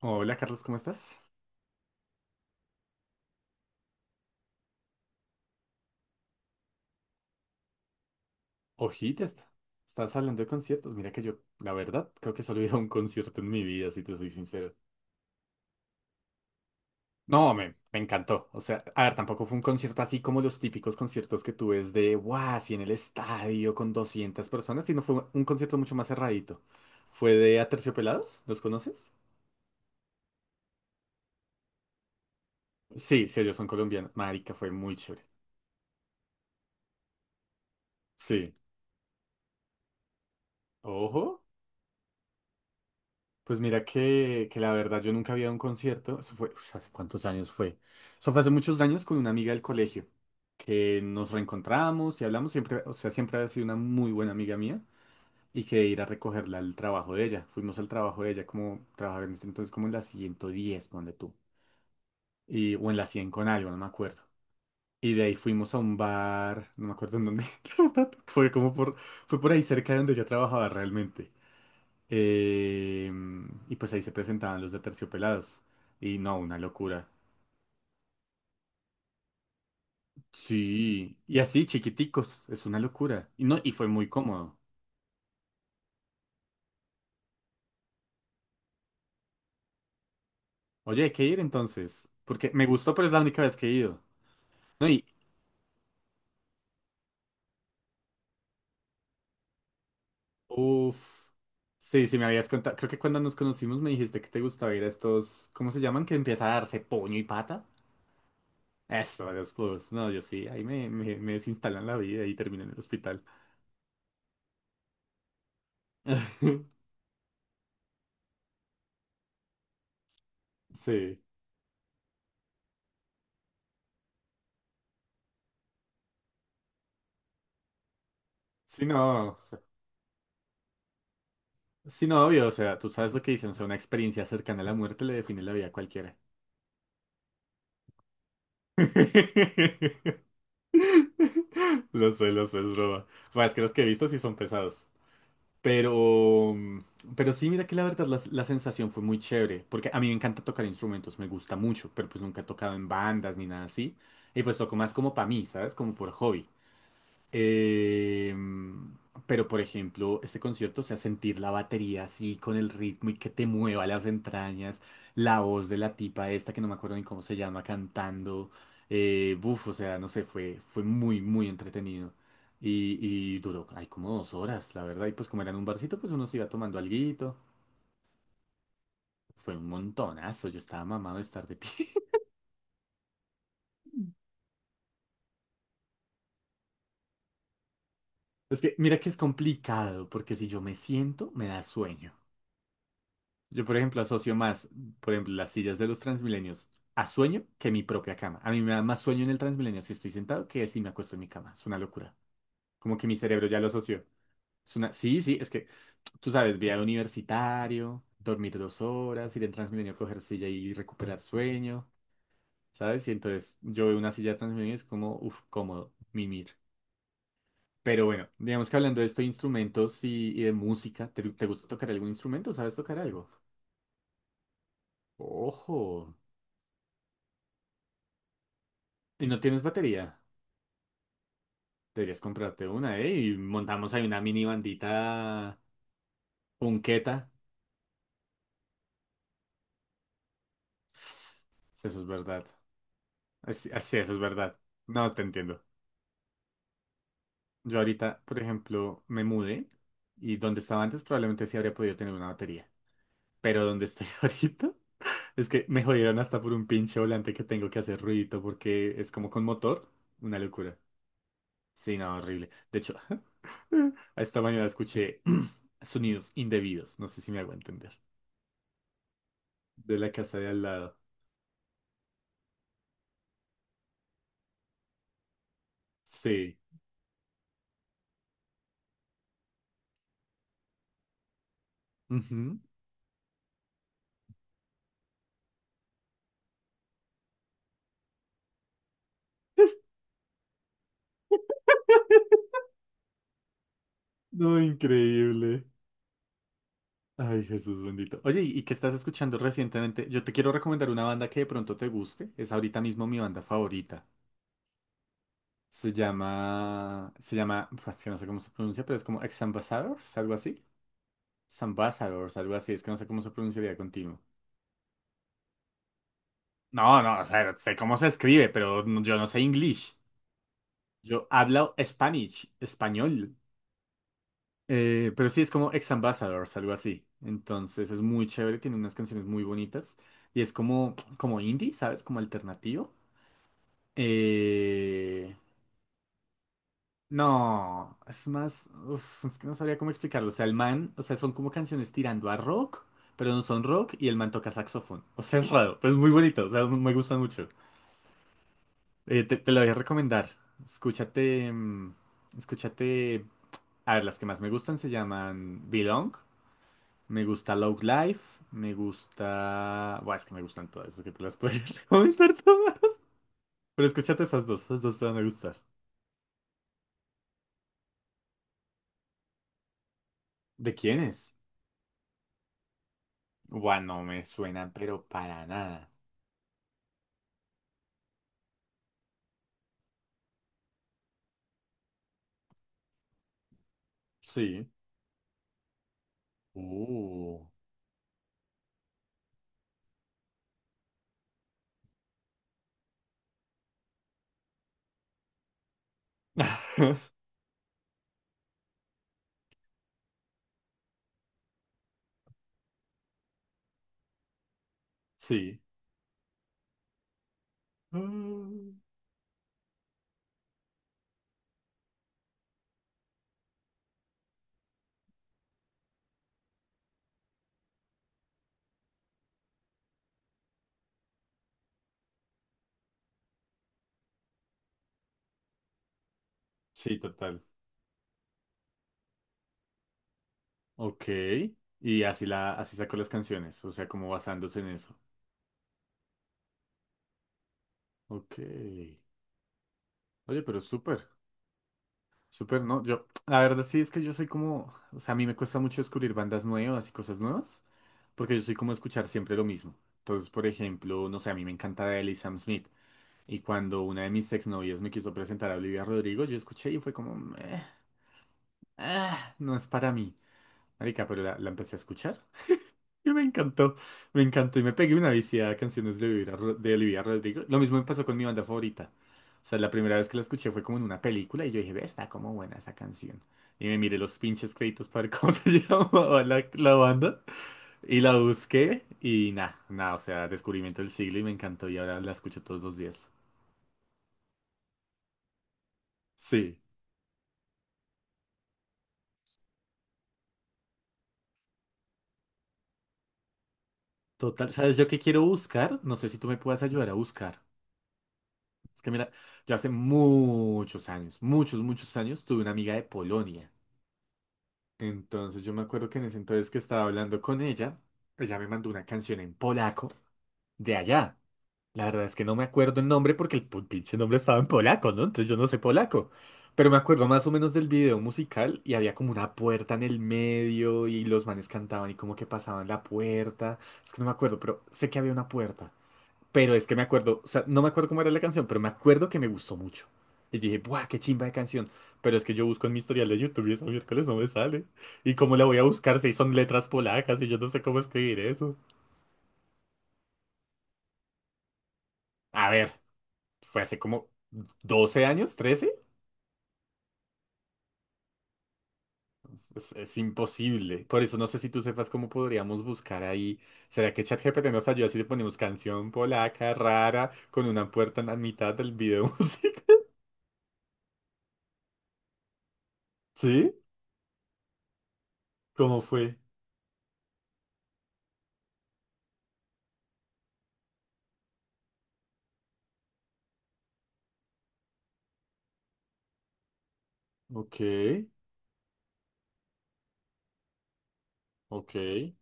Hola Carlos, ¿cómo estás? Ojita, estás hablando de conciertos. Mira que yo, la verdad, creo que solo he ido a un concierto en mi vida, si te soy sincero. No, me encantó. O sea, a ver, tampoco fue un concierto así como los típicos conciertos que tú ves de, wow, así en el estadio con 200 personas, sino fue un concierto mucho más cerradito. Fue de Aterciopelados, ¿los conoces? Sí, sí, ellos son colombianos. Marica, fue muy chévere. Sí. Ojo. Pues mira que la verdad yo nunca había ido a un concierto. Eso fue, uf, ¿hace cuántos años fue? Eso fue hace muchos años con una amiga del colegio, que nos reencontramos y hablamos siempre, o sea, siempre ha sido una muy buena amiga mía y que ir a recogerla al trabajo de ella. Fuimos al trabajo de ella como trabajaba en ese entonces como en la 110 ponle tú, y, o en la 100 con algo, no me acuerdo. Y de ahí fuimos a un bar, no me acuerdo en dónde, la verdad, fue como por, fue por ahí cerca de donde yo trabajaba realmente. Eh, y pues ahí se presentaban los de Terciopelados. Y no, una locura. Sí, y así chiquiticos, es una locura. Y no, y fue muy cómodo. Oye, hay que ir entonces, porque me gustó, pero es la única vez que he ido. No, y uff. Sí, sí me habías contado. Creo que cuando nos conocimos me dijiste que te gustaba ir a estos, ¿cómo se llaman? Que empieza a darse puño y pata. Eso, a los clubs. No, yo sí, ahí me desinstalan la vida y termino en el hospital. Sí, sí, no. Sí, no, obvio, o sea, tú sabes lo que dicen, o sea, una experiencia cercana a la muerte le define la vida a cualquiera. Lo sé, es broma. Bueno, es que los que he visto sí son pesados. Pero, mm, pero sí, mira que la verdad la sensación fue muy chévere, porque a mí me encanta tocar instrumentos, me gusta mucho, pero pues nunca he tocado en bandas ni nada así. Y pues toco más como para mí, ¿sabes? Como por hobby. Em, pero, por ejemplo, este concierto, o sea, sentir la batería así con el ritmo y que te mueva las entrañas, la voz de la tipa esta, que no me acuerdo ni cómo se llama, cantando, buf, o sea, no sé, fue muy, muy entretenido. Y, y duró, hay como 2 horas, la verdad, y pues como era en un barcito, pues uno se iba tomando alguito. Fue un montonazo, yo estaba mamado de estar de pie. Es que, mira que es complicado, porque si yo me siento, me da sueño. Yo, por ejemplo, asocio más, por ejemplo, las sillas de los Transmilenios a sueño que mi propia cama. A mí me da más sueño en el Transmilenio si estoy sentado que si me acuesto en mi cama. Es una locura. Como que mi cerebro ya lo asoció. Es una... Sí, sí, es que tú sabes, viaje universitario, dormir 2 horas, ir en Transmilenio a coger silla y recuperar sueño, ¿sabes? Y entonces yo veo una silla de Transmilenio y es como, uff, cómodo, mimir. Pero bueno, digamos que hablando de esto, de instrumentos y de música, ¿te gusta tocar algún instrumento? ¿Sabes tocar algo? Ojo. ¿Y no tienes batería? Deberías comprarte una, ¿eh? Y montamos ahí una mini bandita punqueta. Sí, eso es verdad. Así, así, eso es verdad. No te entiendo. Yo ahorita, por ejemplo, me mudé y donde estaba antes probablemente sí habría podido tener una batería. Pero donde estoy ahorita es que me jodieron hasta por un pinche volante que tengo que hacer ruidito porque es como con motor. Una locura. Sí, no, horrible. De hecho, esta mañana escuché sonidos indebidos. No sé si me hago entender. De la casa de al lado. Sí. Ujú. No, increíble. Ay, Jesús bendito. Oye, ¿y qué estás escuchando recientemente? Yo te quiero recomendar una banda que de pronto te guste. Es ahorita mismo mi banda favorita. Se llama... Pues, es que no sé cómo se pronuncia, pero es como Ex Ambassadors, algo así. Ambassadors, algo así. Es que no sé cómo se pronunciaría continuo. No, no, o sea, sé cómo se escribe, pero yo no sé inglés. Yo hablo Spanish, español. Pero sí es como Ex Ambassadors, algo así. Entonces es muy chévere, tiene unas canciones muy bonitas. Y es como, indie, ¿sabes? Como alternativo. Eh, no, es más, uf, es que no sabría cómo explicarlo. O sea, el man, o sea, son como canciones tirando a rock, pero no son rock y el man toca saxofón. O sea, es raro, pero es muy bonito, o sea, me gusta mucho. Te lo voy a recomendar. Escúchate, escúchate. A ver, las que más me gustan se llaman Belong. Me gusta Love Life, me gusta... Buah, es que me gustan todas, es que te las puedo recomendar todas. Pero escúchate esas dos te van a gustar. ¿De quién es? Buah, no me suena, pero para nada. Sí. Uh. Sí. Mm. Sí, total. Ok. Y así así sacó las canciones, o sea, como basándose en eso. Ok. Oye, pero súper. Súper, ¿no? Yo, la verdad sí es que yo soy como, o sea, a mí me cuesta mucho descubrir bandas nuevas y cosas nuevas, porque yo soy como escuchar siempre lo mismo. Entonces, por ejemplo, no sé, a mí me encanta Adele y Sam Smith, y cuando una de mis exnovias me quiso presentar a Olivia Rodrigo, yo escuché y fue como, "Meh, ah, no es para mí". Marica, pero la empecé a escuchar. Y me encantó y me pegué una viciada a canciones de Olivia Rodrigo. Lo mismo me pasó con mi banda favorita. O sea, la primera vez que la escuché fue como en una película y yo dije, ve, está como buena esa canción. Y me miré los pinches créditos para ver cómo se llamaba la banda. Y la busqué y nada, nada, o sea, descubrimiento del siglo y me encantó y ahora la escucho todos los días. Sí, total. ¿Sabes yo qué quiero buscar? No sé si tú me puedas ayudar a buscar. Es que mira, yo hace muchos años, muchos, muchos años tuve una amiga de Polonia. Entonces yo me acuerdo que en ese entonces que estaba hablando con ella, ella me mandó una canción en polaco de allá. La verdad es que no me acuerdo el nombre porque pinche nombre estaba en polaco, ¿no? Entonces yo no sé polaco. Pero me acuerdo más o menos del video musical y había como una puerta en el medio y los manes cantaban y como que pasaban la puerta. Es que no me acuerdo, pero sé que había una puerta. Pero es que me acuerdo, o sea, no me acuerdo cómo era la canción, pero me acuerdo que me gustó mucho. Y dije, ¡buah, qué chimba de canción! Pero es que yo busco en mi historial de YouTube y esa miércoles no me sale. ¿Y cómo la voy a buscar si son letras polacas y yo no sé cómo escribir eso? A ver, fue hace como 12 años, 13. Es imposible. Por eso no sé si tú sepas cómo podríamos buscar ahí. ¿Será que ChatGPT nos ayuda si le ponemos canción polaca rara con una puerta en la mitad del video musical? ¿Sí? ¿Cómo fue? Ok, ok.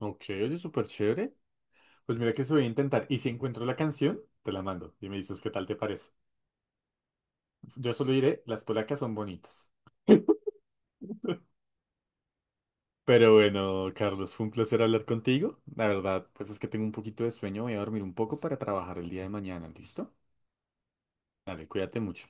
Ok, oye, súper chévere. Pues mira que eso voy a intentar. Y si encuentro la canción, te la mando y me dices qué tal te parece. Yo solo diré, las polacas son bonitas. Pero bueno, Carlos, fue un placer hablar contigo. La verdad, pues es que tengo un poquito de sueño. Voy a dormir un poco para trabajar el día de mañana, ¿listo? Dale, cuídate mucho.